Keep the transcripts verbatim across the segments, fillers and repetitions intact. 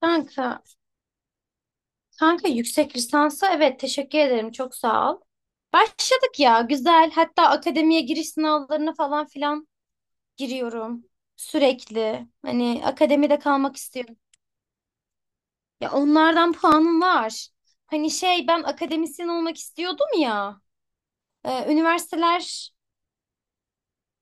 Kanka, kanka yüksek lisansa evet teşekkür ederim çok sağ ol. Başladık ya güzel hatta akademiye giriş sınavlarına falan filan giriyorum sürekli. Hani akademide kalmak istiyorum. Ya onlardan puanım var. Hani şey ben akademisyen olmak istiyordum ya. Ee, üniversiteler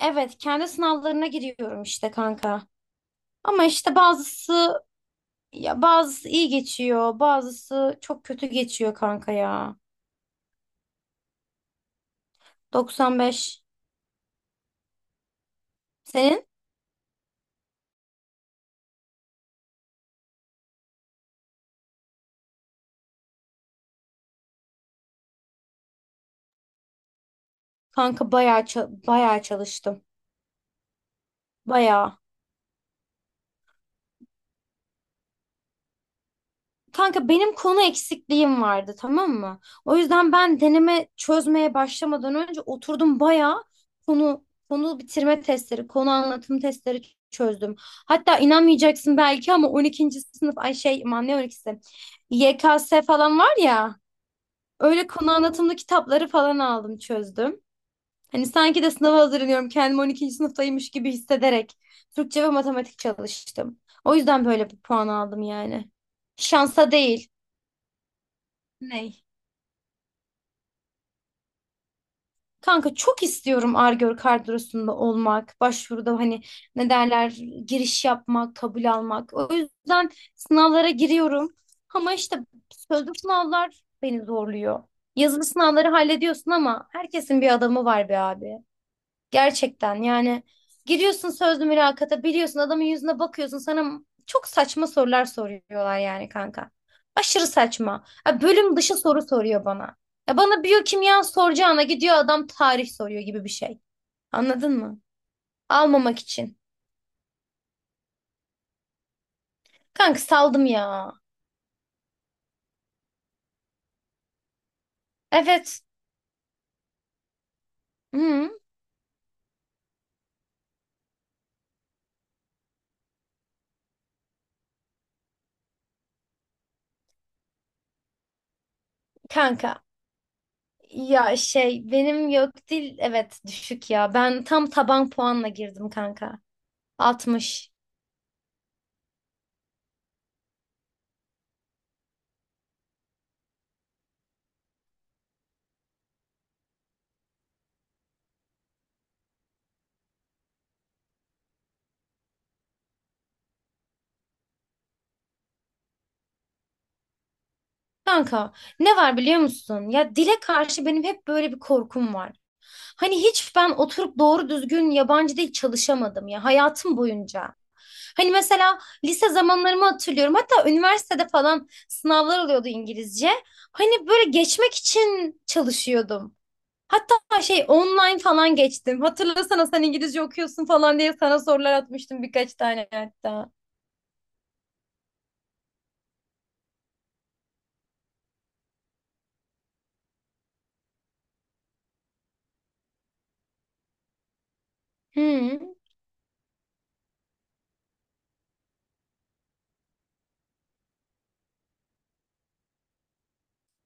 evet kendi sınavlarına giriyorum işte kanka. Ama işte bazısı ya bazısı iyi geçiyor bazısı çok kötü geçiyor kanka ya. doksan beş. Senin? Kanka bayağı ça- bayağı çalıştım. Bayağı. Kanka benim konu eksikliğim vardı, tamam mı? O yüzden ben deneme çözmeye başlamadan önce oturdum bayağı konu konu bitirme testleri, konu anlatım testleri çözdüm. Hatta inanmayacaksın belki ama on ikinci sınıf ay şey aman ne on ikisi Y K S falan var ya. Öyle konu anlatımlı kitapları falan aldım, çözdüm. Hani sanki de sınava hazırlanıyorum. Kendimi on ikinci sınıftaymış gibi hissederek Türkçe ve matematik çalıştım. O yüzden böyle bir puan aldım yani. Şansa değil. Ney? Kanka çok istiyorum Ar-Gör kadrosunda olmak, başvuruda hani ne derler giriş yapmak, kabul almak. O yüzden sınavlara giriyorum. Ama işte sözlü sınavlar beni zorluyor. Yazılı sınavları hallediyorsun ama herkesin bir adamı var be abi. Gerçekten yani giriyorsun sözlü mülakata, biliyorsun adamın yüzüne bakıyorsun sana çok saçma sorular soruyorlar yani kanka. Aşırı saçma. Ya bölüm dışı soru soruyor bana. Ya bana biyokimya soracağına gidiyor adam tarih soruyor gibi bir şey. Anladın mı? Almamak için. Kanka saldım ya. Evet. Hı, kanka. Ya şey benim yok dil evet düşük ya. Ben tam taban puanla girdim kanka. Altmış. Kanka ne var biliyor musun? Ya dile karşı benim hep böyle bir korkum var. Hani hiç ben oturup doğru düzgün yabancı dil çalışamadım ya hayatım boyunca. Hani mesela lise zamanlarımı hatırlıyorum. Hatta üniversitede falan sınavlar oluyordu İngilizce. Hani böyle geçmek için çalışıyordum. Hatta şey online falan geçtim. Hatırlasana sen İngilizce okuyorsun falan diye sana sorular atmıştım birkaç tane hatta. Hı,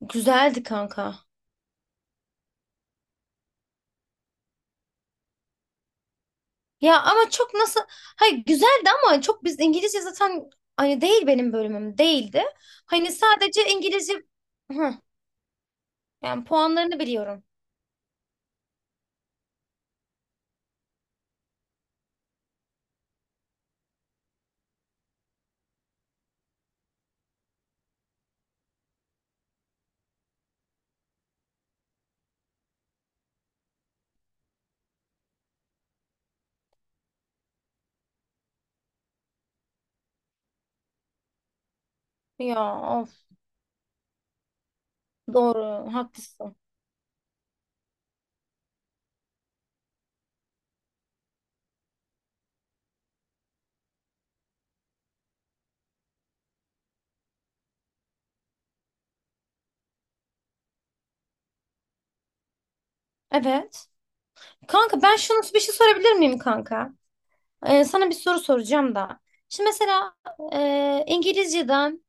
güzeldi kanka. Ya ama çok nasıl hayır güzeldi ama çok biz İngilizce zaten hani değil benim bölümüm değildi. Hani sadece İngilizce. Hı, yani puanlarını biliyorum. Ya of, doğru haklısın. Evet. Kanka ben şunu bir şey sorabilir miyim kanka? Ee, sana bir soru soracağım da. Şimdi mesela e, İngilizceden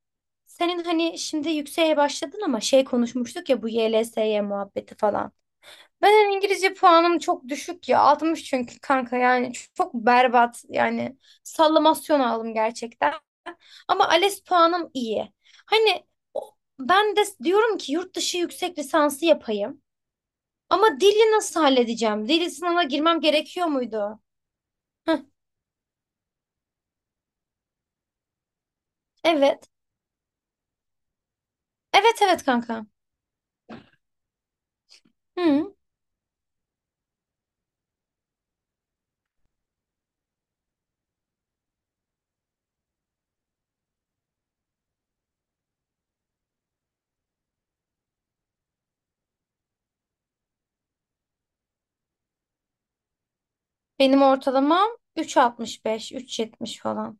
senin hani şimdi yükseğe başladın ama şey konuşmuştuk ya bu Y L S'ye muhabbeti falan. Ben hani İngilizce puanım çok düşük ya. Altmış çünkü kanka yani çok çok berbat yani sallamasyon aldım gerçekten. Ama ALES puanım iyi. Hani o- ben de s- diyorum ki yurt dışı yüksek lisansı yapayım. Ama dili nasıl halledeceğim? Dili sınavına girmem gerekiyor muydu? Heh, evet. Evet evet kanka. Hı. Benim ortalamam üç virgül altmış beş, üç virgül yetmiş falan.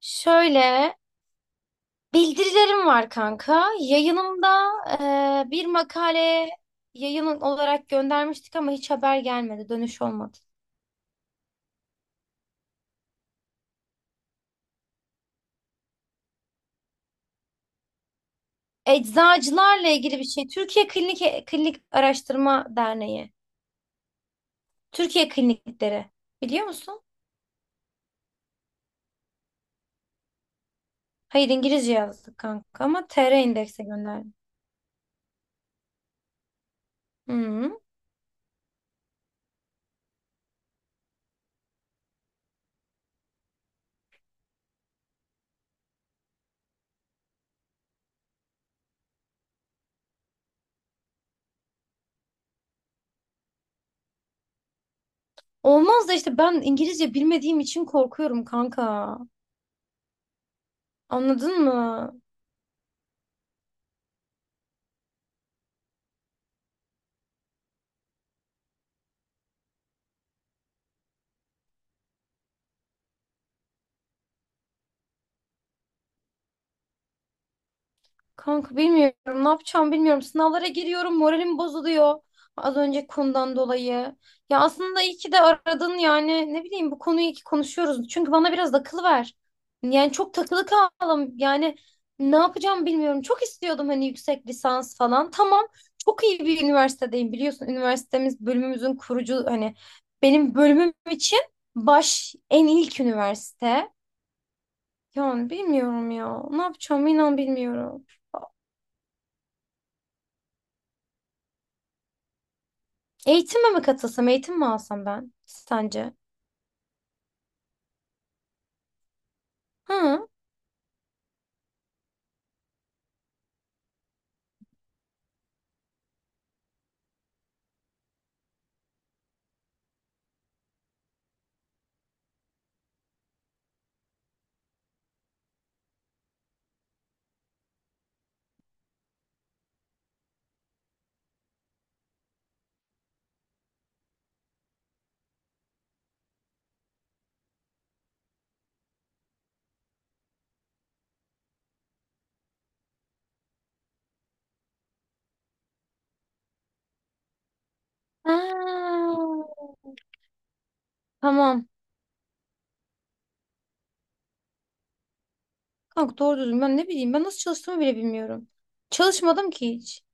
Şöyle. Bildirilerim var kanka. Yayınımda e, bir makale yayın olarak göndermiştik ama hiç haber gelmedi, dönüş olmadı. Eczacılarla ilgili bir şey. Türkiye Klinik Klinik Araştırma Derneği. Türkiye Klinikleri. Biliyor musun? Hayır İngilizce yazdık kanka ama T R indekse gönderdim. Hı. Olmaz da işte ben İngilizce bilmediğim için korkuyorum kanka. Anladın mı? Kanka bilmiyorum ne yapacağım bilmiyorum. Sınavlara giriyorum moralim bozuluyor. Az önce konudan dolayı. Ya aslında iyi ki de aradın yani ne bileyim bu konuyu iyi ki konuşuyoruz. Çünkü bana biraz akıl ver. Yani çok takılı kaldım. Yani ne yapacağım bilmiyorum. Çok istiyordum hani yüksek lisans falan. Tamam çok iyi bir üniversitedeyim biliyorsun. Üniversitemiz bölümümüzün kurucu hani benim bölümüm için baş en ilk üniversite. Yani bilmiyorum ya. Ne yapacağım inan bilmiyorum. Eğitime mi katılsam, eğitim mi alsam ben sence? Hı? Ha. Tamam. Kanka doğru düzgün ben ne bileyim ben nasıl çalıştığımı bile bilmiyorum. Çalışmadım ki hiç.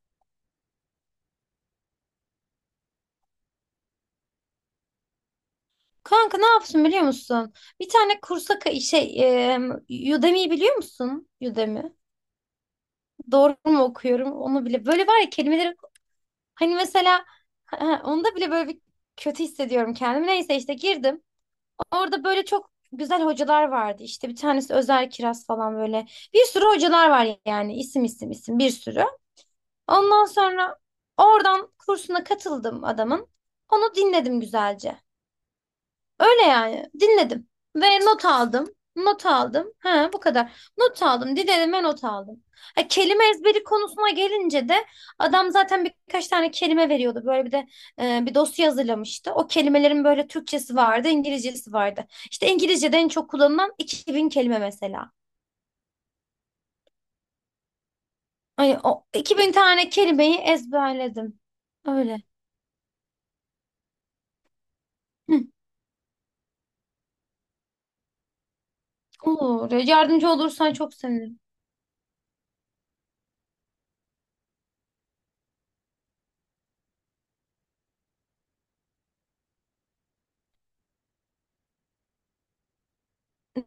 Kanka ne yapsın biliyor musun? Bir tane kursa ka- şey e, Udemy'yi biliyor musun? Udemy. Doğru mu okuyorum onu bile. Böyle var ya kelimeleri hani mesela ha, ha, onda bile böyle bir kötü hissediyorum kendimi. Neyse işte girdim. Orada böyle çok güzel hocalar vardı. İşte bir tanesi Özer Kiraz falan böyle. Bir sürü hocalar var yani. İsim isim isim bir sürü. Ondan sonra oradan kursuna katıldım adamın. Onu dinledim güzelce. Öyle yani. Dinledim. Ve not aldım. Not aldım. Ha, bu kadar. Not aldım. Dinlediğime not aldım. Ha, kelime ezberi konusuna gelince de adam zaten birkaç tane kelime veriyordu. Böyle bir de e, bir dosya hazırlamıştı. O kelimelerin böyle Türkçesi vardı, İngilizcesi vardı. İşte İngilizce'de en çok kullanılan iki bin kelime mesela. Hani o iki bin tane kelimeyi ezberledim. Öyle. Hı, olur. Yardımcı olursan çok sevinirim.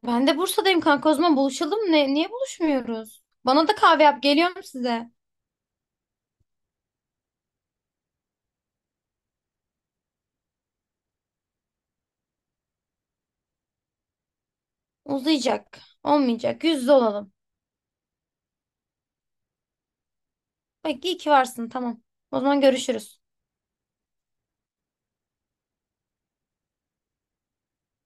Ben de Bursa'dayım kanka, o zaman buluşalım. Ne, niye buluşmuyoruz? Bana da kahve yap geliyorum size. Uzayacak. Olmayacak. Yüz yüze olalım. Bak iyi ki varsın, tamam. O zaman görüşürüz.